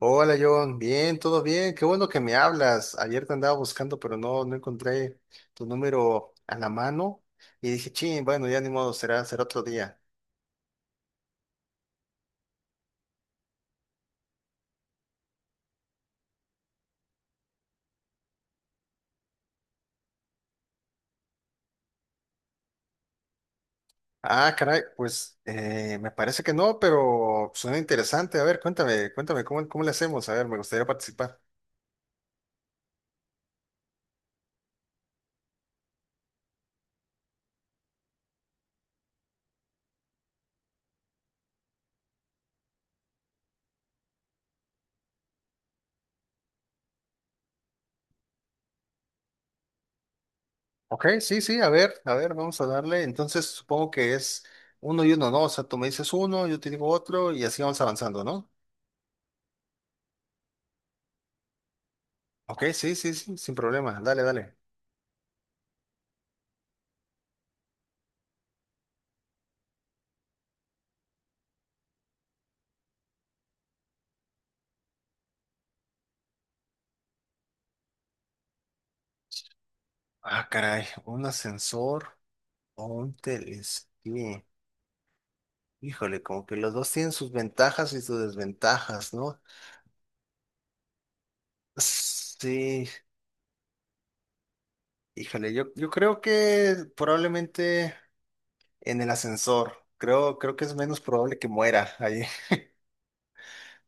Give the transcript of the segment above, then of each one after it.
Hola John, bien, todo bien, qué bueno que me hablas. Ayer te andaba buscando, pero no encontré tu número a la mano y dije, ching, bueno, ya ni modo, será otro día. Ah, caray, pues me parece que no, pero suena interesante. A ver, cuéntame, cuéntame, ¿cómo le hacemos? A ver, me gustaría participar. Ok, sí, sí, a ver, vamos a darle. Entonces supongo que es uno y uno, ¿no? O sea, tú me dices uno, yo te digo otro y así vamos avanzando, ¿no? Ok, sí, sí, sí, sin problema, dale, dale. Ah, caray, un ascensor. Un telesquí. Híjole, como que los dos tienen sus ventajas y sus desventajas, ¿no? Sí, híjole, yo creo que probablemente en el ascensor. Creo que es menos probable que muera ahí.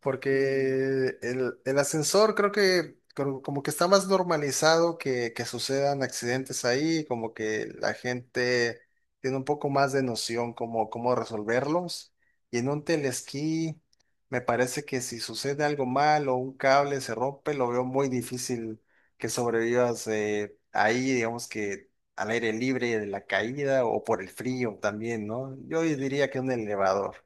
Porque el ascensor creo que como que está más normalizado que sucedan accidentes ahí, como que la gente tiene un poco más de noción como cómo resolverlos. Y en un telesquí me parece que si sucede algo mal o un cable se rompe, lo veo muy difícil que sobrevivas ahí, digamos que al aire libre de la caída o por el frío también, ¿no? Yo diría que un elevador.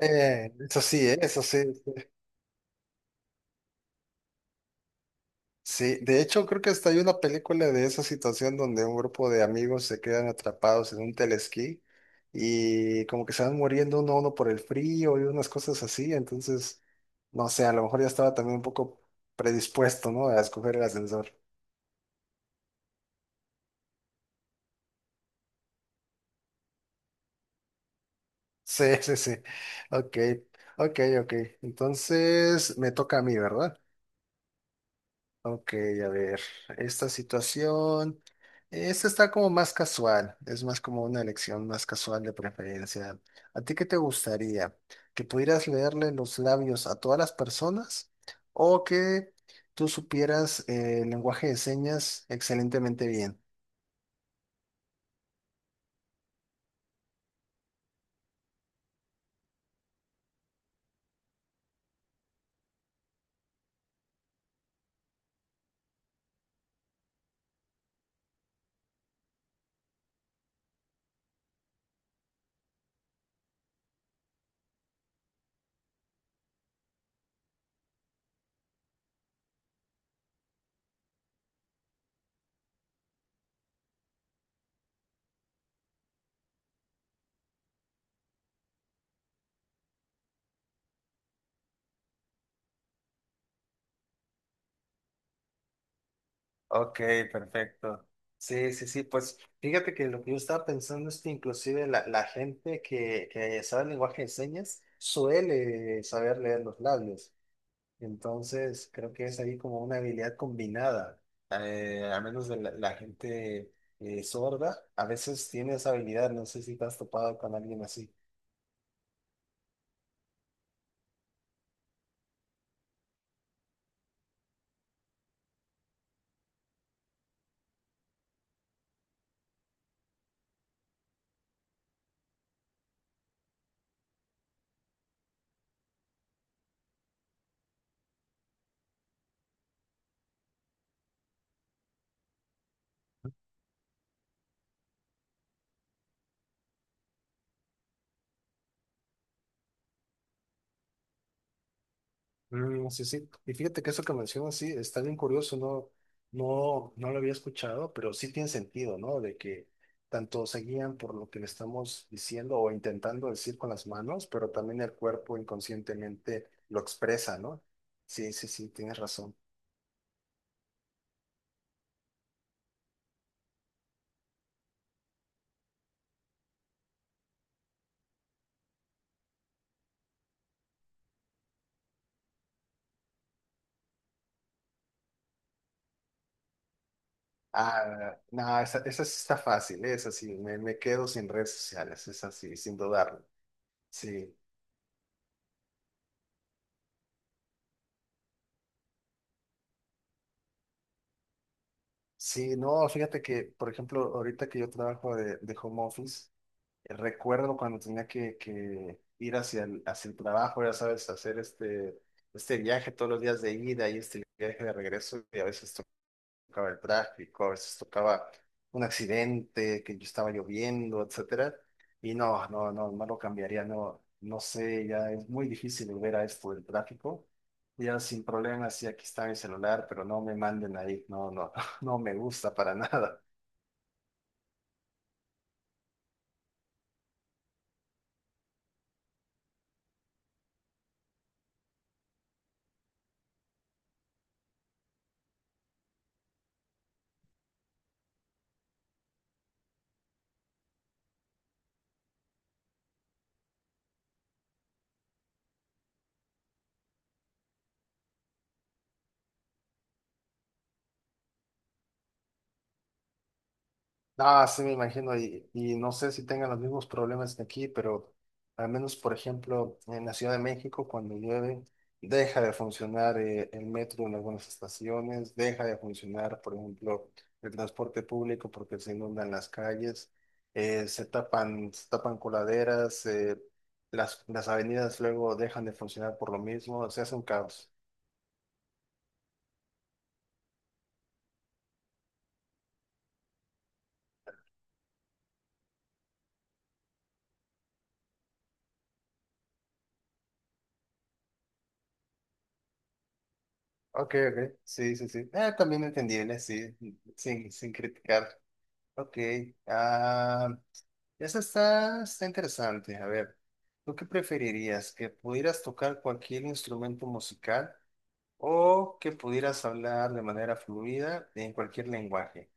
Eso sí, eso sí. Sí, de hecho creo que hasta hay una película de esa situación donde un grupo de amigos se quedan atrapados en un telesquí y como que se van muriendo uno a uno por el frío y unas cosas así, entonces, no sé, a lo mejor ya estaba también un poco predispuesto, ¿no? A escoger el ascensor. Sí, sí, sí. Ok, ok, ok. Entonces me toca a mí, ¿verdad? Ok, a ver, esta situación, esta está como más casual, es más como una elección más casual de preferencia. ¿A ti qué te gustaría? ¿Que pudieras leerle los labios a todas las personas o que tú supieras el lenguaje de señas excelentemente bien? Ok, perfecto. Sí, sí, sí, pues fíjate que lo que yo estaba pensando es que inclusive la gente que sabe el lenguaje de señas suele saber leer los labios. Entonces, creo que es ahí como una habilidad combinada. A menos de la gente sorda, a veces tiene esa habilidad. No sé si te has topado con alguien así. Mm, sí, sí. Y fíjate que eso que mencionas, sí, está bien curioso. No, no, no lo había escuchado, pero sí tiene sentido, ¿no? De que tanto se guían por lo que le estamos diciendo o intentando decir con las manos, pero también el cuerpo inconscientemente lo expresa, ¿no? Sí, sí, sí, tienes razón. Ah, no, esa sí está fácil, ¿eh? Esa sí, me quedo sin redes sociales, esa sí, sin dudarlo. Sí, sí, no, fíjate que, por ejemplo, ahorita que yo trabajo de home office, recuerdo cuando tenía que ir hacia el trabajo, ya sabes, hacer este viaje todos los días de ida y este viaje de regreso, y a veces tocaba el tráfico, a veces tocaba un accidente, que estaba lloviendo, etcétera. Y no, no, no, no lo cambiaría, no, no sé, ya es muy difícil volver a esto del tráfico. Ya sin problemas, sí, aquí está mi celular, pero no me manden ahí, no, no, no me gusta para nada. Ah, sí, me imagino, y no sé si tengan los mismos problemas que aquí, pero al menos, por ejemplo, en la Ciudad de México, cuando llueve, deja de funcionar el metro en algunas estaciones, deja de funcionar, por ejemplo, el transporte público porque se inundan las calles, se tapan coladeras, las avenidas luego dejan de funcionar por lo mismo, se hace un caos. Ok, ok, sí, sí, sí. También entendible, sí, sin criticar. Ok, ah, esa está interesante. A ver, ¿tú qué preferirías? ¿Que pudieras tocar cualquier instrumento musical o que pudieras hablar de manera fluida en cualquier lenguaje?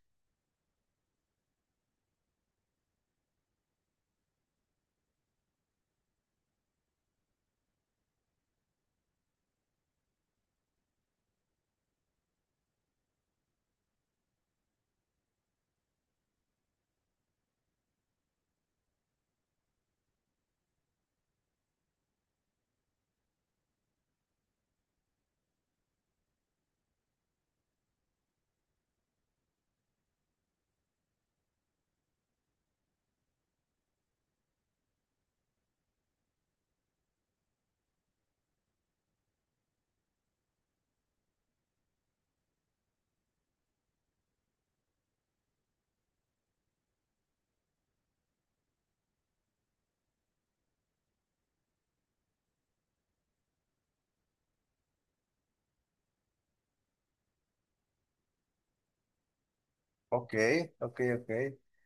Ok, ok, ok.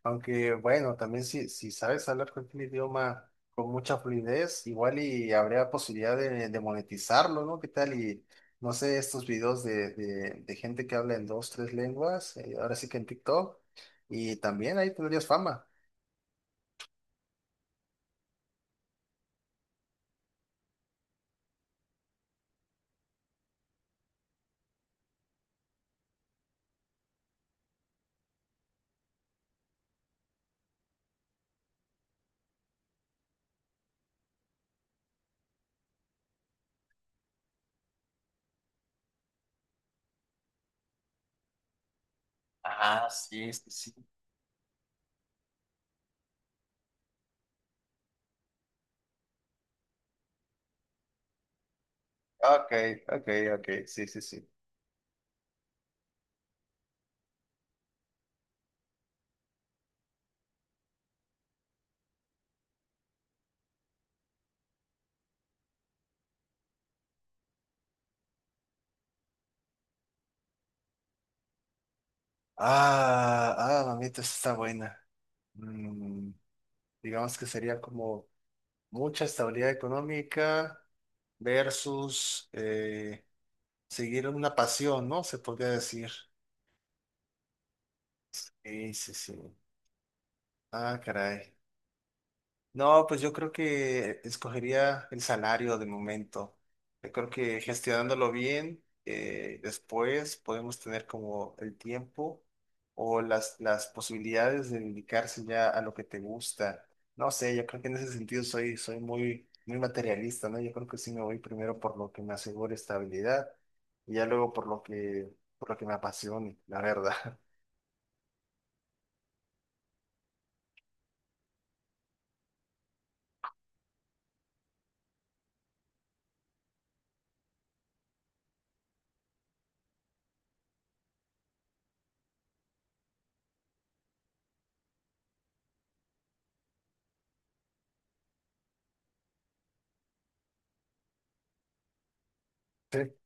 Aunque bueno, también si sabes hablar cualquier idioma con mucha fluidez, igual y habría posibilidad de monetizarlo, ¿no? ¿Qué tal? Y no sé, estos videos de gente que habla en dos, tres lenguas, ahora sí que en TikTok, y también ahí tendrías fama. Ah, sí, sí, sí. Ok, ok, ok, sí, sí, sí. Ah, mamita, esa está buena. Mm, digamos que sería como mucha estabilidad económica versus seguir una pasión, ¿no? Se podría decir. Sí, sí, sí. Ah, caray. No, pues yo creo que escogería el salario de momento. Yo creo que gestionándolo bien, después podemos tener como el tiempo o las posibilidades de dedicarse ya a lo que te gusta. No sé, yo creo que en ese sentido soy muy, muy materialista, ¿no? Yo creo que sí me voy primero por lo que me asegure estabilidad y ya luego por lo que me apasione, la verdad.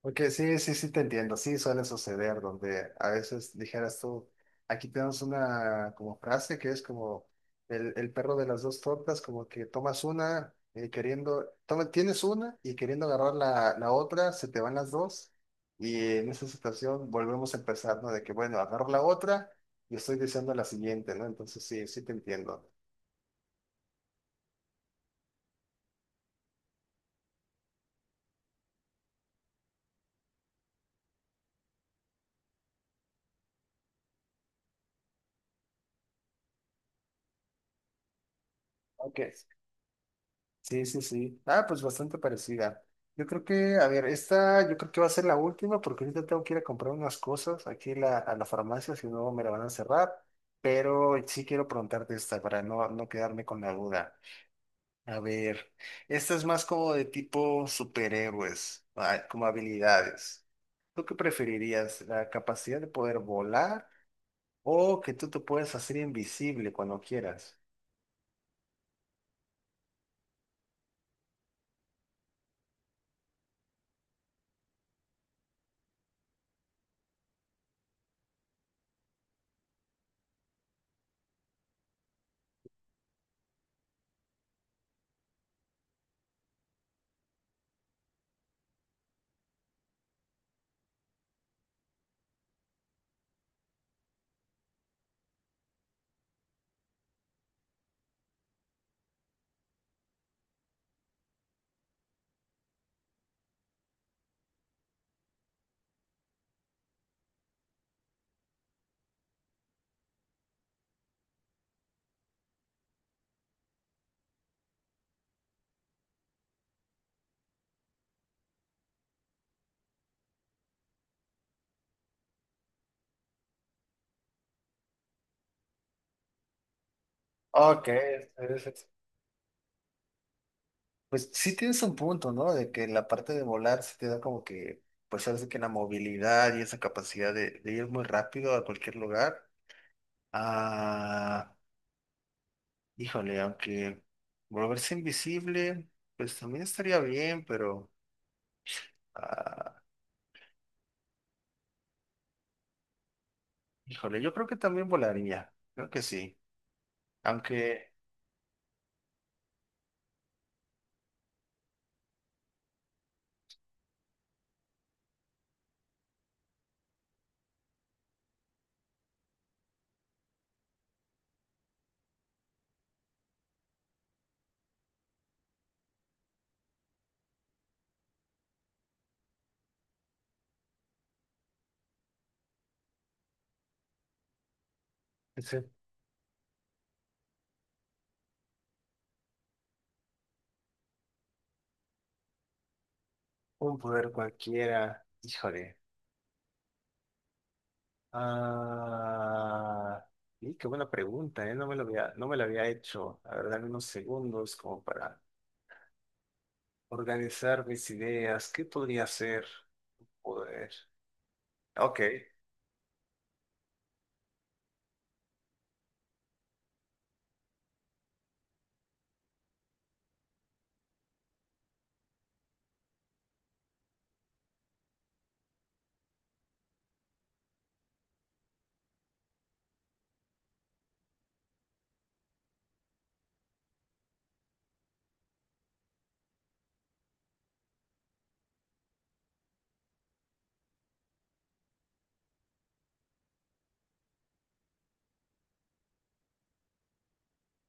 Porque sí, sí, sí te entiendo, sí suele suceder donde a veces dijeras tú, aquí tenemos una como frase que es como el perro de las dos tortas, como que tomas una queriendo, tienes una y queriendo agarrar la otra, se te van las dos y en esa situación volvemos a empezar, ¿no? De que bueno, agarro la otra y estoy diciendo la siguiente, ¿no? Entonces sí, sí te entiendo. Ok. Sí, sí, sí. Ah, pues bastante parecida. Yo creo que, a ver, esta yo creo que va a ser la última porque ahorita tengo que ir a comprar unas cosas aquí a la farmacia, si no me la van a cerrar. Pero sí quiero preguntarte esta para no quedarme con la duda. A ver, esta es más como de tipo superhéroes, como habilidades. ¿Tú qué preferirías? ¿La capacidad de poder volar o que tú te puedes hacer invisible cuando quieras? Ok, eres Pues sí tienes un punto, ¿no? De que la parte de volar se te da como que, pues ahora sí que la movilidad y esa capacidad de ir muy rápido a cualquier lugar. Ah, híjole, aunque volverse invisible, pues también estaría bien, pero, ah, híjole, yo creo que también volaría, creo que sí. Aunque ese Un poder cualquiera, híjole. Ah, y qué buena pregunta, ¿eh? No me lo había hecho. A ver, dame unos segundos como para organizar mis ideas. ¿Qué podría hacer? Poder. Ok,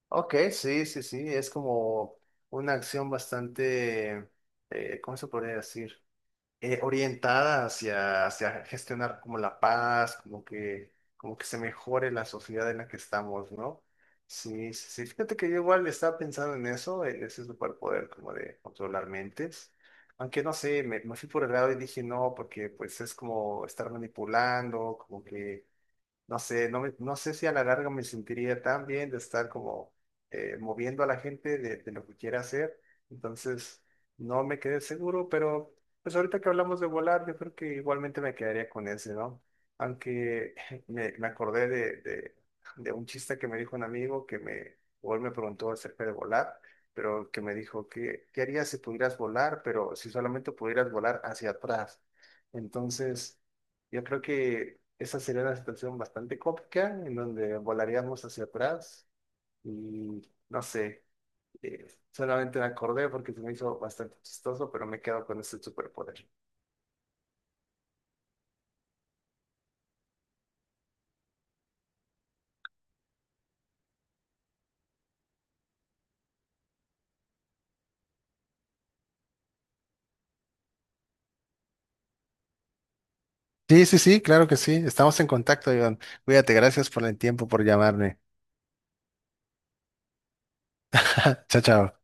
ok, sí, sí, sí. Es como una acción bastante, ¿cómo se podría decir? Orientada hacia gestionar como la paz, como que se mejore la sociedad en la que estamos, ¿no? Sí, sí, sí. Fíjate que yo igual estaba pensando en eso, en ese superpoder como de controlar mentes. Aunque no sé, me fui por el lado y dije no, porque pues es como estar manipulando, como que no sé, no, no sé si a la larga me sentiría tan bien de estar como moviendo a la gente de lo que quiera hacer. Entonces, no me quedé seguro, pero pues ahorita que hablamos de volar, yo creo que igualmente me quedaría con ese, ¿no? Aunque me acordé de un chiste que me dijo un amigo o él me preguntó acerca de volar, pero que me dijo, ¿qué harías si pudieras volar, pero si solamente pudieras volar hacia atrás? Entonces, yo creo que esa sería una situación bastante cómica en donde volaríamos hacia atrás y no sé, solamente me acordé porque se me hizo bastante chistoso, pero me quedo con ese superpoder. Sí, sí, sí, claro que sí. Estamos en contacto, Iván. Cuídate, gracias por el tiempo, por llamarme. Chao, chao.